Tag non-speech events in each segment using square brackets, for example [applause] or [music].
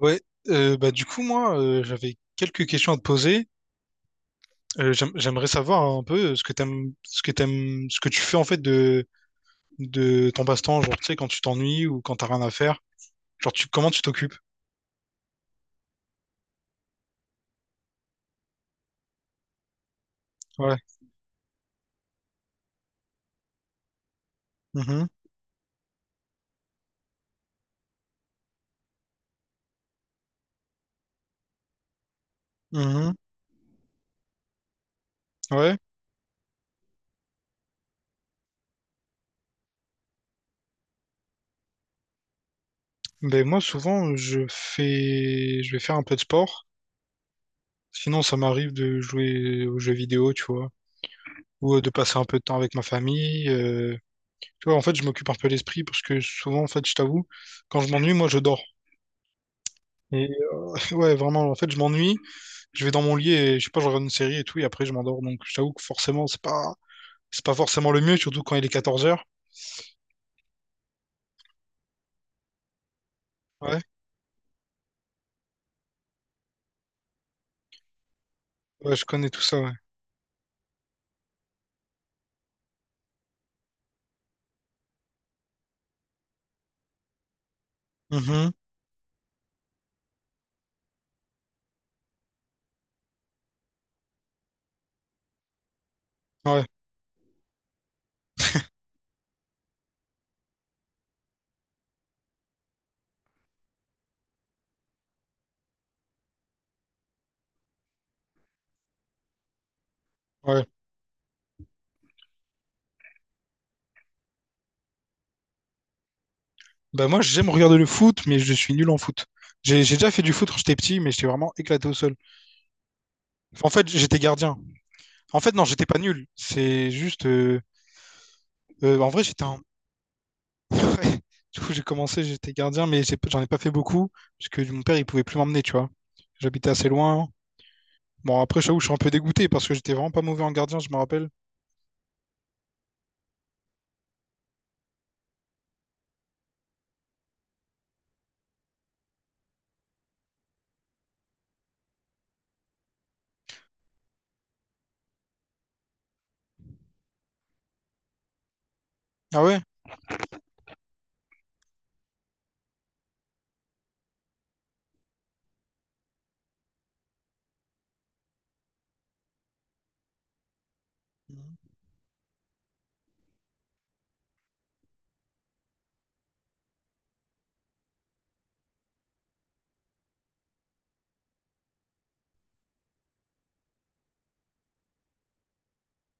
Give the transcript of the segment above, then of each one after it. Ouais, bah du coup moi j'avais quelques questions à te poser. J'aimerais savoir un peu ce que t'aimes, ce que t'aimes, ce que tu fais en fait de ton passe-temps, genre tu sais quand tu t'ennuies ou quand t'as rien à faire. Genre tu comment tu t'occupes? Ouais. Mhm. Mhm. Ouais. Ben moi souvent je vais faire un peu de sport. Sinon ça m'arrive de jouer aux jeux vidéo, tu vois, ou de passer un peu de temps avec ma famille. Tu vois, en fait je m'occupe un peu l'esprit parce que souvent, en fait, je t'avoue, quand je m'ennuie moi je dors. Et [laughs] ouais, vraiment, en fait, je m'ennuie, je vais dans mon lit et je sais pas, je regarde une série et tout, et après je m'endors. Donc je t'avoue que forcément, c'est pas forcément le mieux, surtout quand il est 14 heures. Ouais, ouais, je connais tout ça, ouais. Mhm. Ouais, ouais. Bah moi, j'aime regarder le foot, mais je suis nul en foot. J'ai déjà fait du foot quand j'étais petit, mais j'étais vraiment éclaté au sol. En fait, j'étais gardien. En fait, non, j'étais pas nul. C'est juste en vrai, j'étais un [laughs] Ouais. Du coup, j'ai commencé, j'étais gardien, mais j'en ai pas fait beaucoup, parce que mon père, il pouvait plus m'emmener, tu vois. J'habitais assez loin. Bon, après, j'avoue, je suis un peu dégoûté parce que j'étais vraiment pas mauvais en gardien, je me rappelle. Ah ouais? Mhm.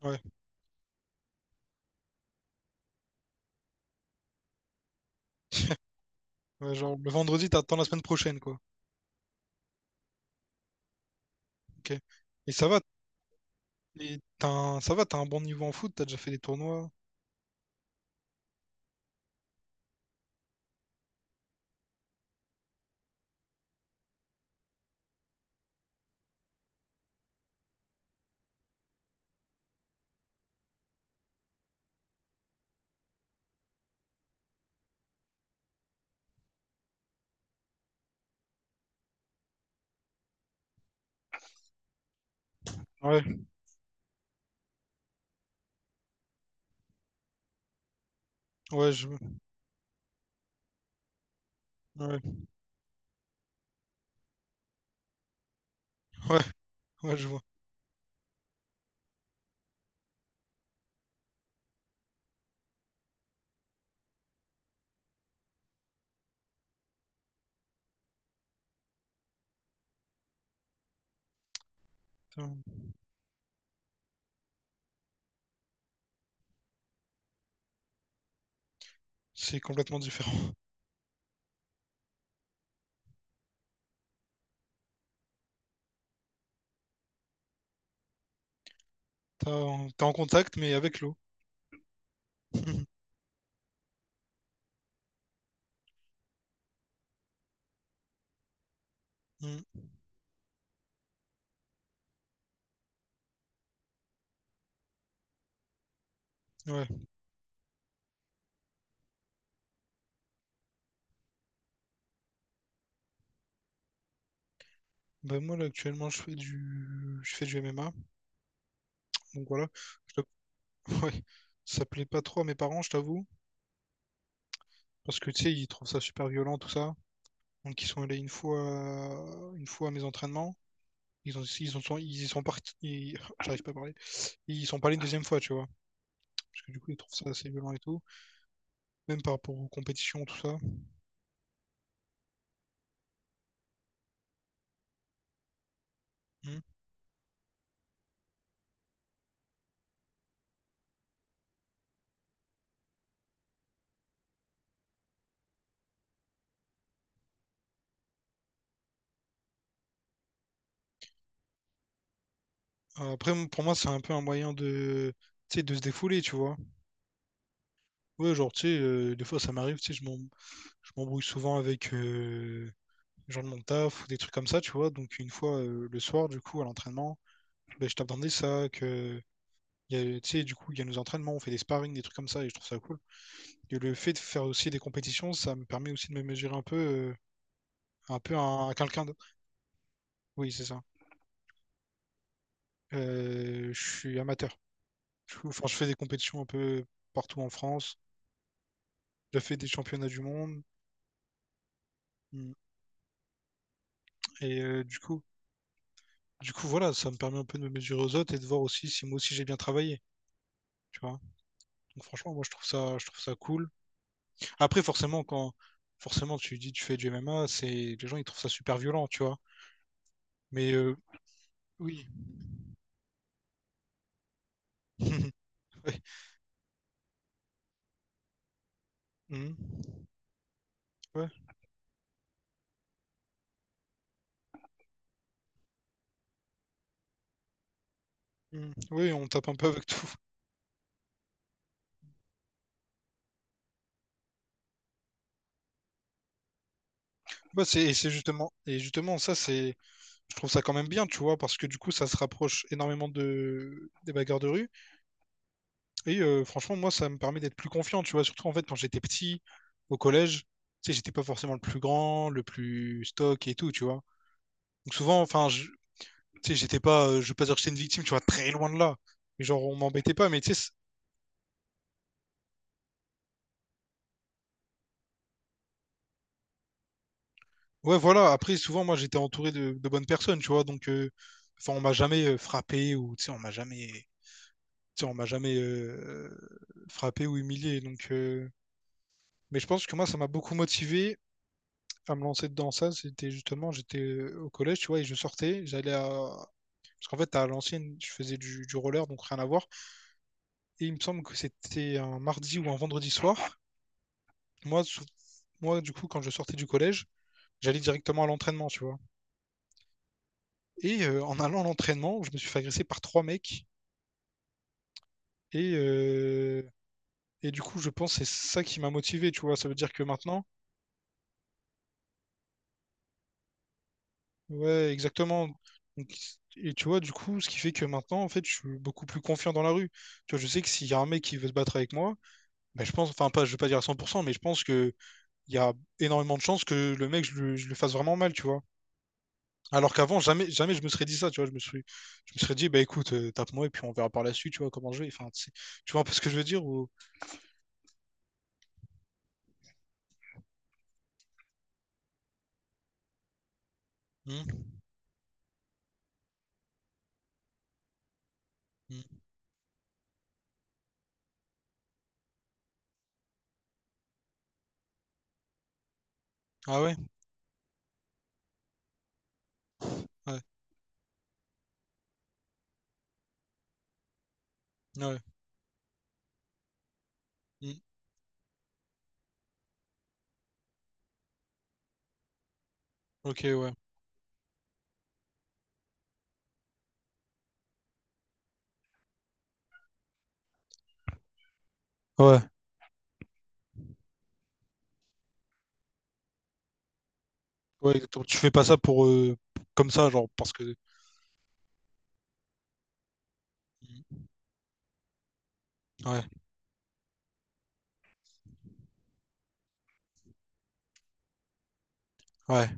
Ouais. [laughs] Ouais, genre, le vendredi, t'attends la semaine prochaine, quoi. Ok. Et ça va, et ça va, t'as un bon niveau en foot, t'as déjà fait des tournois. Ouais, ouais, ouais, ouais, je vois. Putain. C'est complètement différent. T'es en contact, mais avec l'eau. [laughs] Mm. Ouais. Ben moi, là, actuellement, je fais du MMA. Donc voilà. Je [laughs] Ouais. Ça plaît pas trop à mes parents, je t'avoue. Parce que, tu sais, ils trouvent ça super violent, tout ça. Donc, ils sont allés une fois à mes entraînements. Ils y sont partis. [laughs] J'arrive pas à parler. Ils sont pas allés une deuxième fois, tu vois. Parce que du coup, ils trouvent ça assez violent et tout. Même par rapport aux compétitions, tout ça. Mm. Après, pour moi, c'est un peu un moyen de, tu sais, de se défouler, tu vois. Ouais, genre, tu sais, des fois, ça m'arrive, tu sais, je m'embrouille souvent avec les gens de mon taf ou des trucs comme ça, tu vois. Donc une fois le soir, du coup, à l'entraînement, ben, je t'attendais ça, que il y a, tu sais, du coup, il y a nos entraînements, on fait des sparring, des trucs comme ça, et je trouve ça cool. Et le fait de faire aussi des compétitions, ça me permet aussi de me mesurer un peu, à quelqu'un d'autre. Oui, c'est ça. Je suis amateur. Du coup, enfin, je fais des compétitions un peu partout en France. J'ai fait des championnats du monde. Mm. Et du coup, voilà, ça me permet un peu de me mesurer aux autres et de voir aussi si moi aussi j'ai bien travaillé. Tu vois. Donc franchement, moi je trouve ça cool. Après, forcément, quand forcément tu dis tu fais du MMA, c'est les gens ils trouvent ça super violent, tu vois. Mais oui. [laughs] Ouais. Mhm. Ouais. Mhm. Oui, on tape un peu avec tout. Ouais, c'est et c'est justement Et justement ça c'est je trouve ça quand même bien, tu vois, parce que du coup ça se rapproche énormément de des bagarres de rue et franchement moi ça me permet d'être plus confiant, tu vois, surtout en fait quand j'étais petit au collège, tu sais j'étais pas forcément le plus grand, le plus stock et tout, tu vois. Donc souvent, tu sais, j'étais pas, je veux pas dire que j'étais une victime, tu vois, très loin de là. Mais genre, on m'embêtait pas, mais tu sais, c'est- ouais, voilà. Après, souvent, moi, j'étais entouré de bonnes personnes, tu vois, donc, enfin, on m'a jamais frappé ou, tu sais, on m'a jamais frappé ou humilié. Donc, mais je pense que moi, ça m'a beaucoup motivé à me lancer dedans. Ça, c'était justement, j'étais au collège, tu vois, et je sortais, parce qu'en fait, à l'ancienne, je faisais du roller, donc rien à voir. Et il me semble que c'était un mardi ou un vendredi soir. Moi, sou- moi, du coup, quand je sortais du collège, j'allais directement à l'entraînement, tu vois. Et en allant à l'entraînement, je me suis fait agresser par trois mecs. Et, euh, et du coup, je pense que c'est ça qui m'a motivé, tu vois. Ça veut dire que maintenant, ouais, exactement. Donc, et tu vois, du coup, ce qui fait que maintenant, en fait, je suis beaucoup plus confiant dans la rue. Tu vois, je sais que s'il y a un mec qui veut se battre avec moi, ben, je pense, enfin, pas, je vais pas dire à 100%, mais je pense qu'il y a énormément de chances que le mec, je le fasse vraiment mal, tu vois. Alors qu'avant, jamais, jamais je me serais dit ça, tu vois. Je me serais dit, bah écoute, tape-moi et puis on verra par la suite, tu vois, comment je vais. Tu vois un peu ce que je veux dire ou... Hmm, hmm. Ah ouais? Ouais. Ouais. Hmm. Ok, ouais. Ouais. Ouais, exactement. Tu fais pas ça pour... comme ça, genre, parce que... Hmm. Ouais, ouais,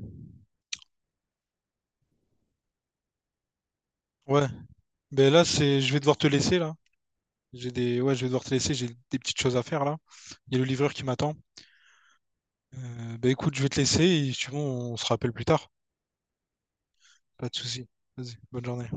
ouais. Ben là, c'est... Je vais devoir te laisser, là. J'ai des... Ouais, je vais devoir te laisser, j'ai des petites choses à faire, là. Il y a le livreur qui m'attend. Ben écoute, je vais te laisser et si tu veux, on se rappelle plus tard. Pas de souci. Vas-y, bonne journée.